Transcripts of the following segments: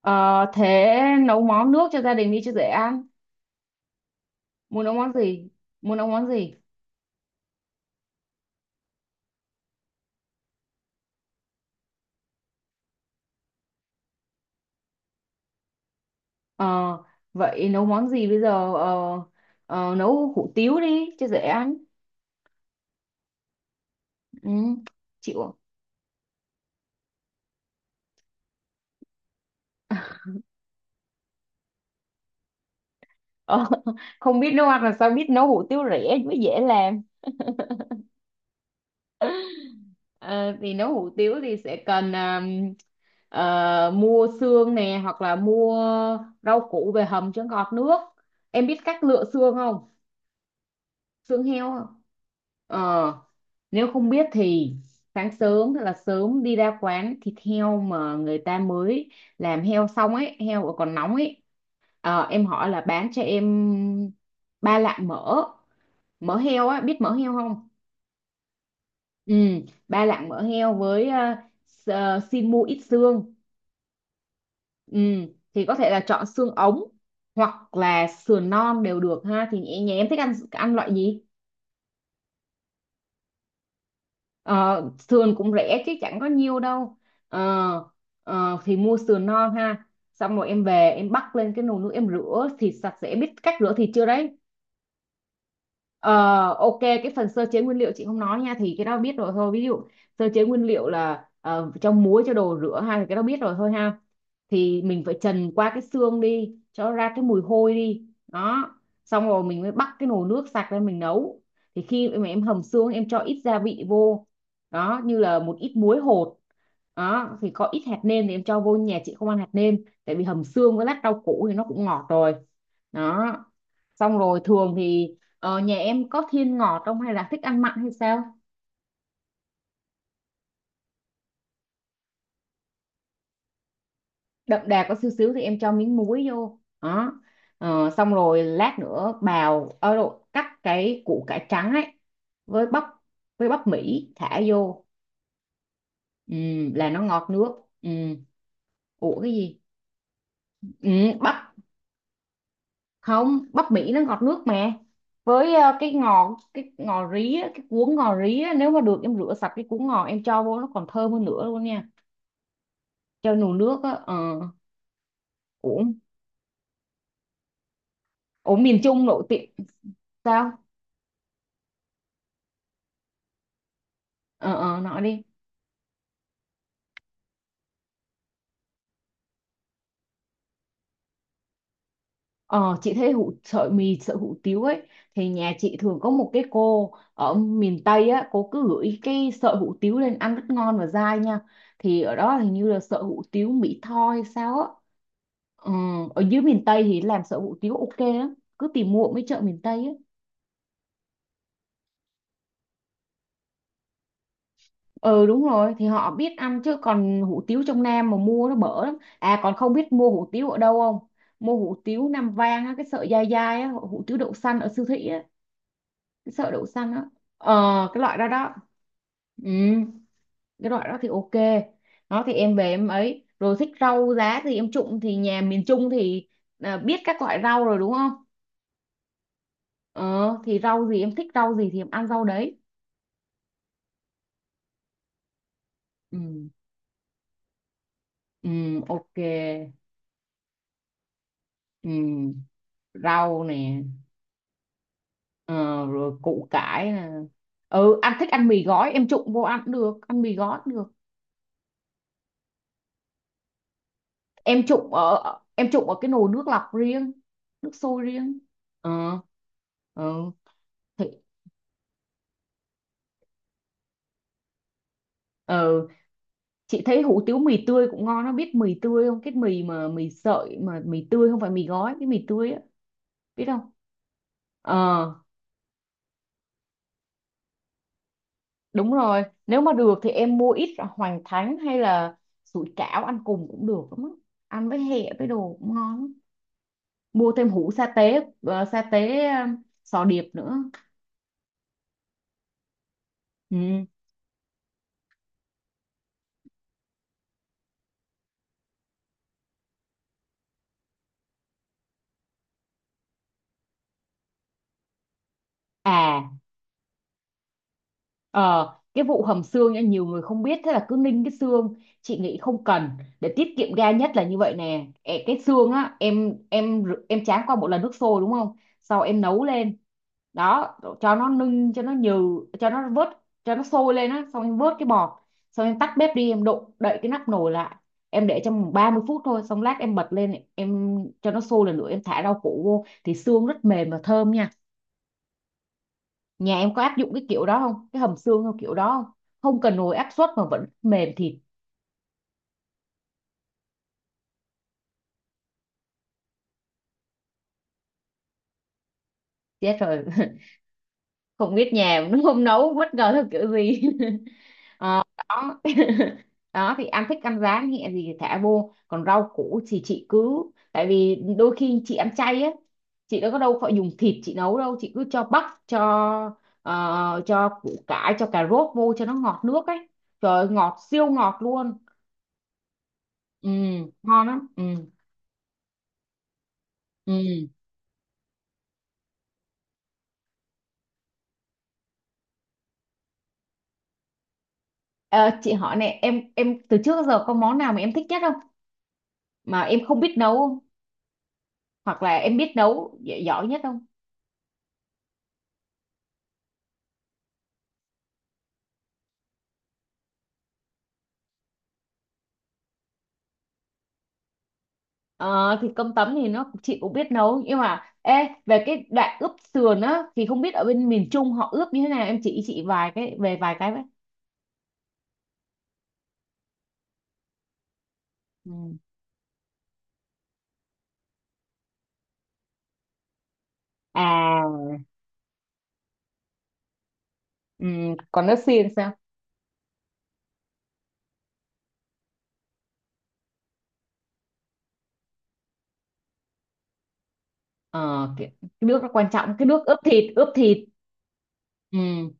Ờ, thế nấu món nước cho gia đình đi cho dễ ăn. Muốn nấu món gì? Muốn nấu món gì? Ờ, vậy nấu món gì bây giờ? Ờ, ờ, nấu hủ tiếu đi cho dễ ăn. Ừ, chịu. À? Ờ, không biết nấu ăn làm sao biết nấu hủ tiếu rẻ mới dễ làm. Ờ, thì nấu hủ tiếu thì sẽ cần à, ờ, mua xương nè, hoặc là mua rau củ về hầm cho ngọt nước. Em biết cách lựa xương không? Xương heo. Không? Ờ, nếu không biết thì sáng sớm thật là sớm đi ra quán thịt heo mà người ta mới làm heo xong ấy, heo mà còn nóng ấy. Ờ, em hỏi là bán cho em ba lạng mỡ, mỡ heo á, biết mỡ heo không? Ừ, ba lạng mỡ heo với ờ, ờ, xin mua ít xương. Ừ, thì có thể là chọn xương ống hoặc là sườn non đều được ha. Thì nhà nhà em thích ăn ăn loại gì? Ờ, sườn cũng rẻ chứ chẳng có nhiêu đâu. Ờ, ờ, thì mua sườn non ha, xong rồi em về em bắc lên cái nồi nước, em rửa thịt sạch sẽ, biết cách rửa thịt chưa đấy? Ờ, ok, cái phần sơ chế nguyên liệu chị không nói nha, thì cái đó biết rồi thôi, ví dụ sơ chế nguyên liệu là ờ, cho muối, cho đồ rửa hay cái đó biết rồi thôi ha. Thì mình phải trần qua cái xương đi cho nó ra cái mùi hôi đi đó, xong rồi mình mới bắt cái nồi nước sạch lên mình nấu. Thì khi mà em hầm xương, em cho ít gia vị vô đó như là một ít muối hột đó, thì có ít hạt nêm thì em cho vô, nhà chị không ăn hạt nêm, tại vì hầm xương với lát rau củ thì nó cũng ngọt rồi đó. Xong rồi thường thì ờ, nhà em có thiên ngọt không hay là thích ăn mặn hay sao? Đậm đà có xíu xíu thì em cho miếng muối vô. Đó. Ờ, xong rồi lát nữa bào ở độ cắt cái củ cải trắng ấy, với bắp với bắp Mỹ thả vô. Ừ, là nó ngọt nước. Ừ, ủa cái gì? Ừ, bắp. Không, bắp Mỹ nó ngọt nước mà. Với ờ, cái ngò rí á, cái cuốn ngò rí á, nếu mà được em rửa sạch cái cuốn ngò em cho vô nó còn thơm hơn nữa luôn nha. Cho nồi nước á, ờ, ủa. Ủa, miền Trung nổi tiếng sao? Ờ, ờ, nói đi. Ờ, chị thấy hủ sợi mì sợi hủ tiếu ấy, thì nhà chị thường có một cái cô ở miền Tây á, cô cứ gửi cái sợi hủ tiếu lên, ăn rất ngon và dai nha. Thì ở đó hình như là sợi hủ tiếu Mỹ Tho hay sao á. Ừ, ở dưới miền Tây thì làm sợi hủ tiếu ok lắm, cứ tìm mua ở mấy chợ miền Tây á. Ừ, đúng rồi, thì họ biết ăn chứ còn hủ tiếu trong Nam mà mua nó bở lắm à. Còn không biết mua hủ tiếu ở đâu không? Mua hủ tiếu Nam Vang á, cái sợi dai dai á, hủ tiếu đậu xanh ở siêu thị á, sợ đậu xanh á. Ờ, cái loại đó đó. Ừ, cái loại đó thì ok. Nó thì em về em ấy rồi, thích rau giá thì em trụng, thì nhà miền Trung thì à, biết các loại rau rồi đúng không. Ờ, thì rau gì em thích, rau gì thì em ăn rau đấy. Ừ. Ừ. Ok. Ừ. Rau nè. Ờ, rồi củ cải nè. Ừ, ăn thích ăn mì gói em trụng vô ăn cũng được, ăn mì gói cũng được. em trụng ở em trụng ở cái nồi nước lọc riêng, nước sôi riêng. Ờ. Ừ. Thì, ờ, chị thấy hủ tiếu mì tươi cũng ngon, nó biết mì tươi không, cái mì mà mì sợi mà mì tươi không phải mì gói, cái mì tươi á, biết không? Ờ, đúng rồi, nếu mà được thì em mua ít hoành thánh hay là sủi cảo ăn cùng cũng được lắm á, ăn với hẹ với đồ cũng ngon lắm. Mua thêm hũ sa tế, ờ, sa tế, ờ, sò điệp nữa. Ừ. À. Ờ, cái vụ hầm xương nha, nhiều người không biết thế là cứ ninh cái xương, chị nghĩ không cần, để tiết kiệm ga nhất là như vậy nè. Ẹ, cái xương á, em tráng qua một lần nước sôi đúng không, sau em nấu lên đó cho nó ninh cho nó nhừ, cho nó vớt, cho nó sôi lên á, xong em vớt cái bọt, xong em tắt bếp đi, em đụng đậy cái nắp nồi lại, em để trong 30 phút thôi, xong lát em bật lên em cho nó sôi lần nữa em thả rau củ vô thì xương rất mềm và thơm nha. Nhà em có áp dụng cái kiểu đó không? Cái hầm xương theo kiểu đó không? Không cần nồi áp suất mà vẫn mềm thịt. Chết rồi. Không biết nhà nó không nấu bất ngờ theo kiểu gì. Ờ, đó. Đó thì ăn thích ăn rán nhẹ gì thì thả vô. Còn rau củ thì chị cứ, tại vì đôi khi chị ăn chay á, chị đâu có, đâu phải dùng thịt chị nấu đâu, chị cứ cho bắp, cho ờ, cho củ cải, cho cà rốt vô cho nó ngọt nước ấy. Trời ơi, ngọt siêu ngọt luôn. Ừ, ngon lắm. Ừ. Ừ. Ờ, chị hỏi này, em từ trước đến giờ có món nào mà em thích nhất không mà em không biết nấu không, hoặc là em biết nấu giỏi nhất không? Ờ, thì cơm tấm thì nó chị cũng biết nấu nhưng mà ê, về cái đoạn ướp sườn á thì không biết ở bên miền Trung họ ướp như thế nào, em chỉ chị vài cái về vài cái với. Ừ. À. Ừ, còn nước xiên sao? Ờ, cái nước nó quan trọng, cái nước ướp thịt. Ừ.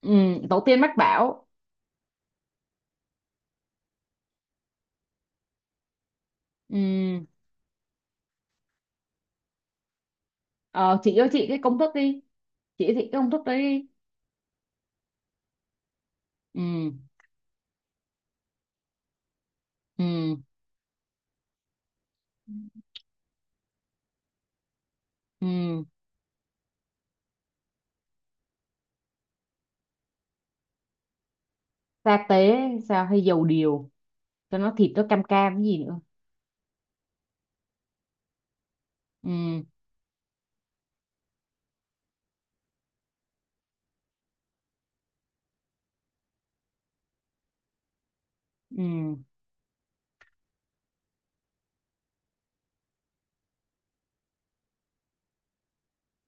Ừ. Tổ tiên mách bảo. Ừ. Ờ, chị cho chị cái công thức đi. Chị cho chị cái công thức đấy đi. Ừ. Ừ. Ừ. Sa tế sao, hay dầu điều, cho nó thịt nó cam cam cái gì nữa. Ừ. Ừ.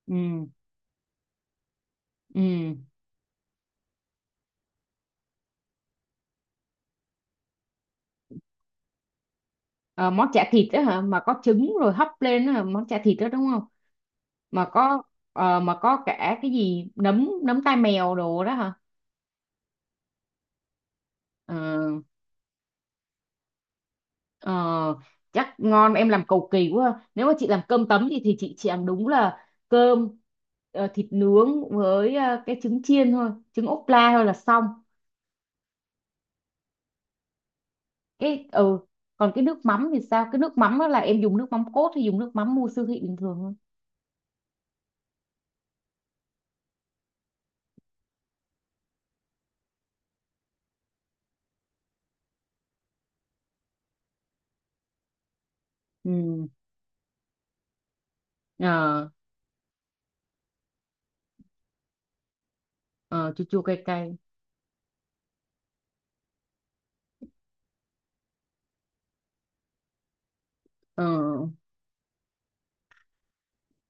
Ừ. Ừ. Ờ, món chả thịt đó hả, mà có trứng rồi hấp lên đó hả? Món chả thịt đó đúng không? Mà có ờ, mà có cả cái gì nấm nấm tai mèo đồ đó hả? Ờ. Ờ, chắc ngon, em làm cầu kỳ quá, nếu mà chị làm cơm tấm thì chị chỉ làm đúng là cơm, ờ, thịt nướng với ờ, cái trứng chiên thôi, trứng ốp la thôi là xong. Cái ừ. Còn cái nước mắm thì sao, cái nước mắm đó là em dùng nước mắm cốt hay dùng nước mắm mua siêu thị bình thường thôi? Ừ. Ờ. Ờ, chua chua cay cay. Ờ.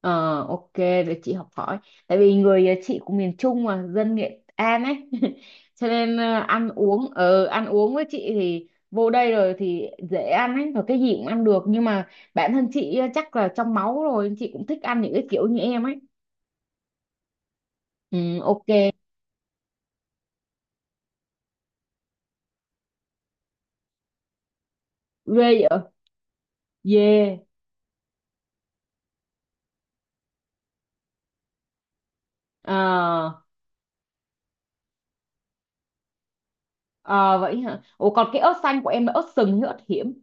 Ờ, ok để chị học hỏi, tại vì người ờ, chị của miền Trung mà dân Nghệ An ấy. Cho nên ờ, ăn uống với chị thì vô đây rồi thì dễ ăn ấy và cái gì cũng ăn được, nhưng mà bản thân chị ờ, chắc là trong máu rồi chị cũng thích ăn những cái kiểu như em ấy. Ừ, ok ghê. Vậy. Dê yeah. Ờ. Ờ vậy hả? Ủa còn cái ớt xanh của em là ớt sừng hay ớt hiểm?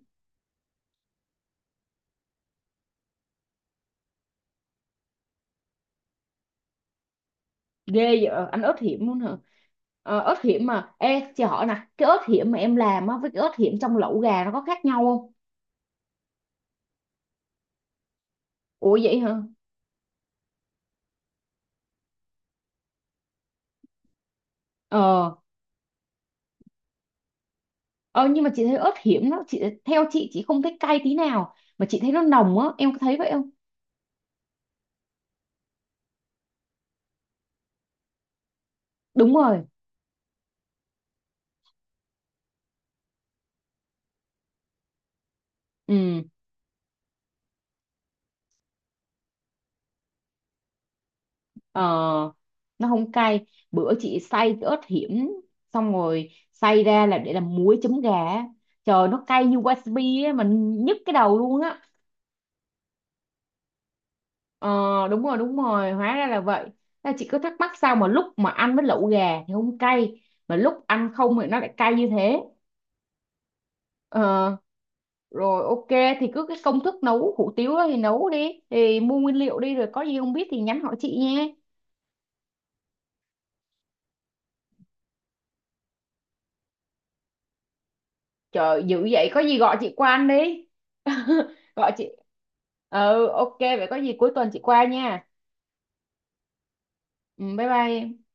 Ghê vậy, ờ, ăn ớt hiểm luôn hả? Ờ, ớt hiểm mà. Ê, chị hỏi nè, cái ớt hiểm mà em làm á với cái ớt hiểm trong lẩu gà nó có khác nhau không? Ủa vậy hả? Ờ, ờ nhưng mà chị thấy ớt hiểm nó, chị theo chị không thấy cay tí nào mà chị thấy nó nồng á, em có thấy vậy không? Đúng rồi. Ừ, ờ, nó không cay. Bữa chị xay cái ớt hiểm xong rồi xay ra là để làm muối chấm gà á. Trời, nó cay như wasabi á mà nhức cái đầu luôn á. Ờ, đúng rồi, đúng rồi, hóa ra là vậy. Ta chỉ cứ thắc mắc sao mà lúc mà ăn với lẩu gà thì không cay mà lúc ăn không thì nó lại cay như thế. Ờ, rồi ok, thì cứ cái công thức nấu hủ tiếu đó thì nấu đi, thì mua nguyên liệu đi, rồi có gì không biết thì nhắn hỏi chị nha. Trời, dữ vậy, có gì gọi chị qua ăn đi. Gọi chị. Ừ, ok vậy có gì cuối tuần chị qua nha. Ừ, bye bye em.